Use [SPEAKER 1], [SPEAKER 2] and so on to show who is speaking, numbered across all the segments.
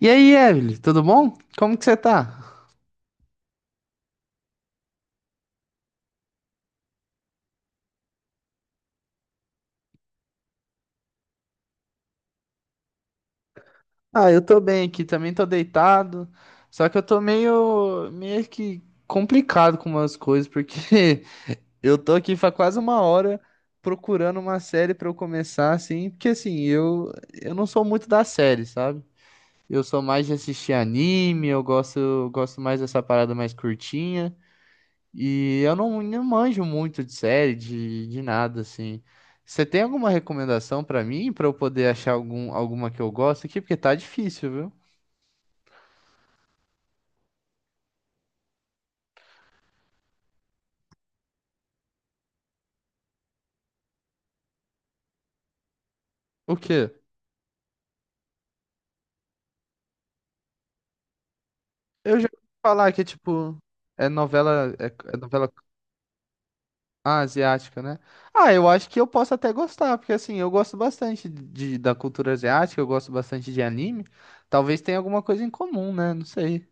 [SPEAKER 1] E aí, Evelyn, tudo bom? Como que você tá? Ah, eu tô bem aqui, também tô deitado, só que eu tô meio que complicado com umas coisas, porque eu tô aqui faz quase uma hora procurando uma série pra eu começar, assim, porque assim, eu não sou muito da série, sabe? Eu sou mais de assistir anime, eu gosto mais dessa parada mais curtinha. E eu não manjo muito de série, de nada, assim. Você tem alguma recomendação pra mim, pra eu poder achar alguma que eu gosto aqui? Porque tá difícil, viu? O quê? Eu já ouvi falar que é tipo. É novela. É novela asiática, né? Ah, eu acho que eu posso até gostar, porque assim, eu gosto bastante da cultura asiática, eu gosto bastante de anime. Talvez tenha alguma coisa em comum, né? Não sei.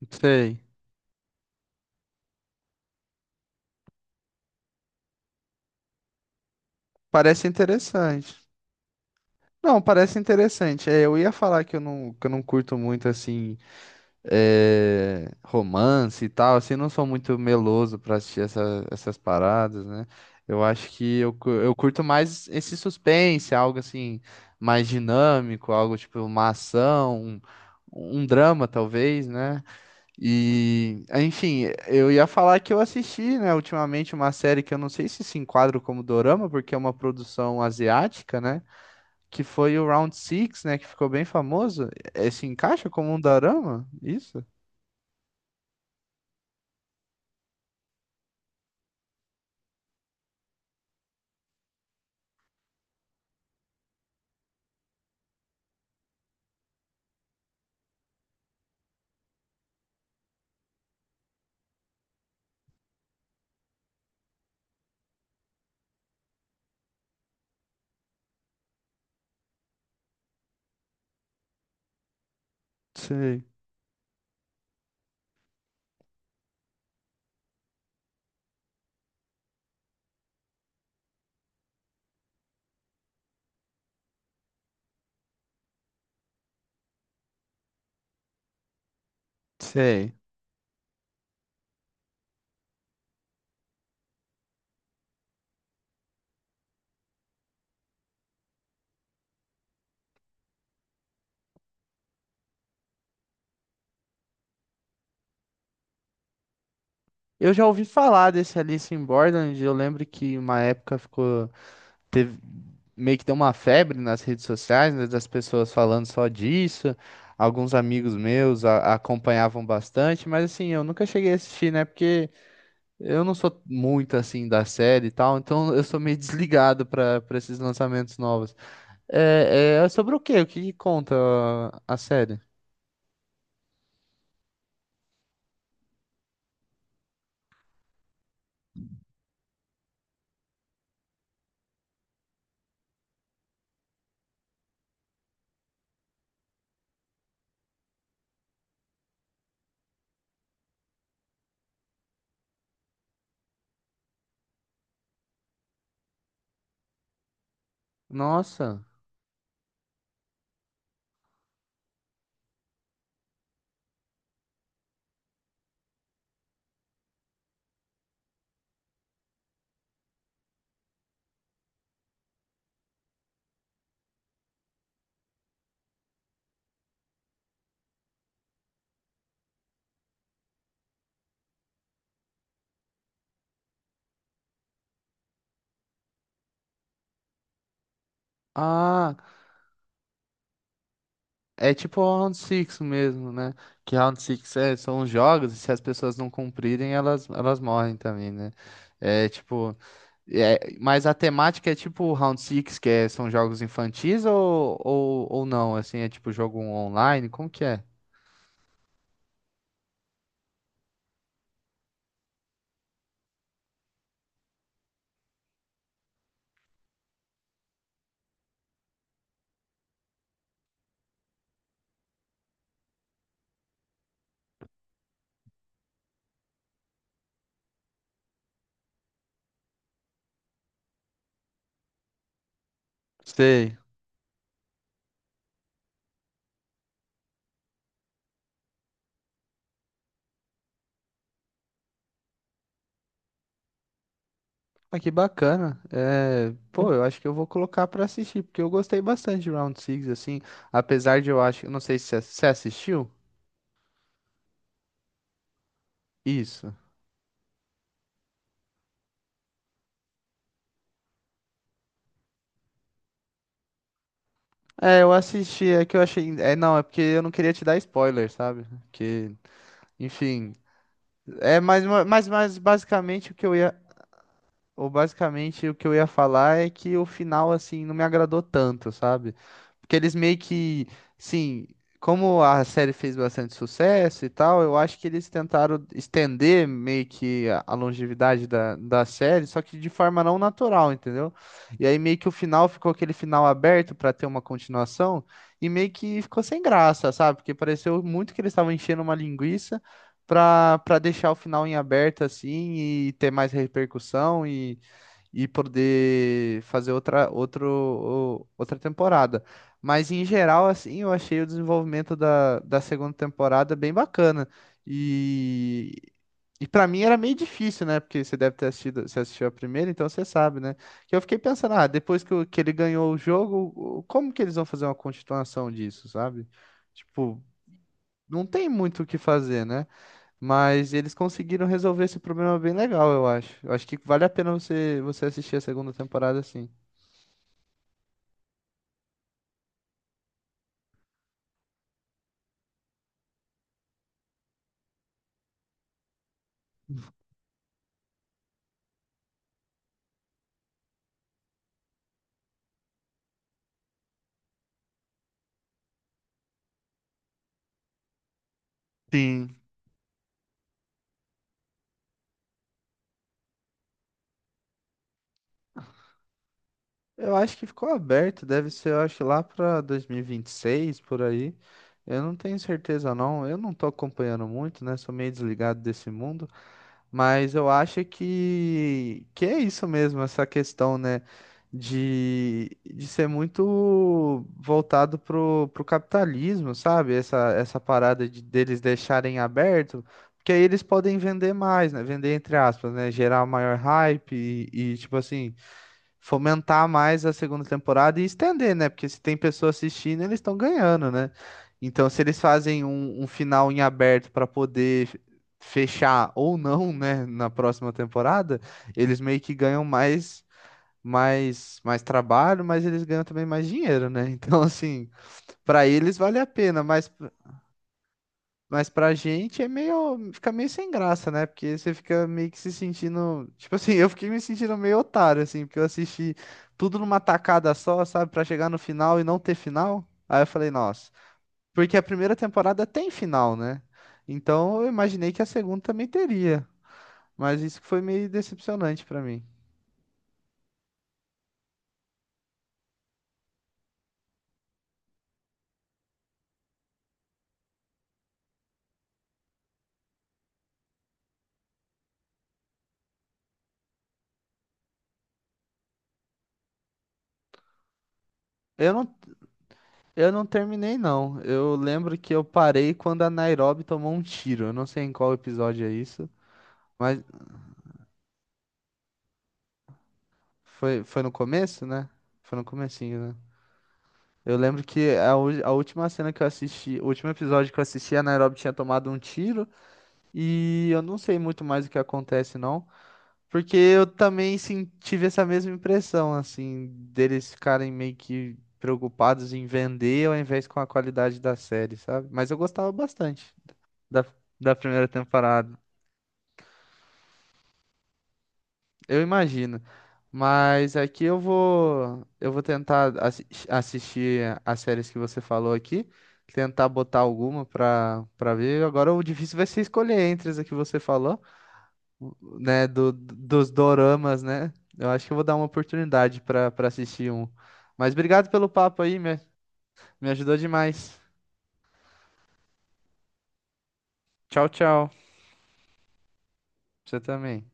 [SPEAKER 1] Não sei. Parece interessante. Não, parece interessante. É, eu ia falar que eu não curto muito, assim, é, romance e tal, assim, não sou muito meloso pra assistir essas paradas, né? Eu acho que eu curto mais esse suspense, algo assim, mais dinâmico, algo tipo uma ação, um drama, talvez, né? E, enfim, eu ia falar que eu assisti, né, ultimamente uma série que eu não sei se enquadra como dorama, porque é uma produção asiática, né? Que foi o Round Six, né, que ficou bem famoso, se encaixa como um dorama? Isso? Sei, sei. Eu já ouvi falar desse Alice in Borderland, eu lembro que uma época ficou teve meio que deu uma febre nas redes sociais, né, das pessoas falando só disso. Alguns amigos meus acompanhavam bastante, mas assim, eu nunca cheguei a assistir, né? Porque eu não sou muito assim da série e tal, então eu sou meio desligado para esses lançamentos novos. É, é sobre o quê? O que que conta a série? Nossa. Ah, é tipo o Round Six mesmo, né? Que Round Six são os jogos e se as pessoas não cumprirem, elas morrem também, né? É tipo. É, mas a temática é tipo o Round Six, são jogos infantis ou não? Assim, é tipo jogo online? Como que é? Sei. Ah, que bacana. É, pô, eu acho que eu vou colocar pra assistir, porque eu gostei bastante de Round Six assim, apesar de eu acho, não sei se você assistiu. Isso. É, eu assisti, é que eu achei, é não, é porque eu não queria te dar spoiler, sabe? Que, enfim, é mais mais basicamente o que eu ia. Ou basicamente o que eu ia falar é que o final, assim, não me agradou tanto, sabe? Porque eles meio que, sim, como a série fez bastante sucesso e tal, eu acho que eles tentaram estender meio que a longevidade da série, só que de forma não natural, entendeu? E aí meio que o final ficou aquele final aberto pra ter uma continuação, e meio que ficou sem graça, sabe? Porque pareceu muito que eles estavam enchendo uma linguiça pra deixar o final em aberto, assim, e ter mais repercussão e poder fazer outra temporada. Mas em geral, assim, eu achei o desenvolvimento da segunda temporada bem bacana. E, e para mim era meio difícil, né? Porque você deve ter assistido, você assistiu a primeira, então você sabe, né? Que eu fiquei pensando, ah, depois que ele ganhou o jogo, como que eles vão fazer uma continuação disso, sabe? Tipo, não tem muito o que fazer, né? Mas eles conseguiram resolver esse problema bem legal, eu acho. Eu acho que vale a pena você assistir a segunda temporada assim. Sim. Eu acho que ficou aberto, deve ser, eu acho, lá pra 2026, por aí. Eu não tenho certeza, não. Eu não tô acompanhando muito, né? Sou meio desligado desse mundo. Mas eu acho que é isso mesmo, essa questão, né, de ser muito voltado pro capitalismo, sabe? Essa parada deles deixarem aberto, porque aí eles podem vender mais, né? Vender entre aspas, né? Gerar maior hype e tipo assim, fomentar mais a segunda temporada e estender, né? Porque se tem pessoa assistindo, eles estão ganhando, né? Então, se eles fazem um final em aberto para poder fechar ou não, né, na próxima temporada, eles meio que ganham mais trabalho, mas eles ganham também mais dinheiro, né? Então, assim, para eles vale a pena, mas pra gente é meio, fica meio sem graça, né? Porque você fica meio que se sentindo, tipo assim, eu fiquei me sentindo meio otário assim, porque eu assisti tudo numa tacada só, sabe, pra chegar no final e não ter final. Aí eu falei, nossa, porque a primeira temporada tem final, né? Então eu imaginei que a segunda também teria, mas isso que foi meio decepcionante pra mim. Eu não, eu não terminei não. Eu lembro que eu parei quando a Nairobi tomou um tiro. Eu não sei em qual episódio é isso. Mas foi no começo, né? Foi no comecinho, né? Eu lembro que a última cena que eu assisti, o último episódio que eu assisti, a Nairobi tinha tomado um tiro e eu não sei muito mais o que acontece, não. Porque eu também sim, tive essa mesma impressão, assim, deles ficarem meio que preocupados em vender ao invés com a qualidade da série, sabe? Mas eu gostava bastante da, da primeira temporada. Eu imagino. Mas aqui eu vou, tentar assistir as séries que você falou aqui, tentar botar alguma pra para ver. Agora o difícil vai ser escolher entre as que você falou, né, dos doramas, né? Eu acho que eu vou dar uma oportunidade pra para assistir um. Mas obrigado pelo papo aí, me ajudou demais. Tchau, tchau. Você também.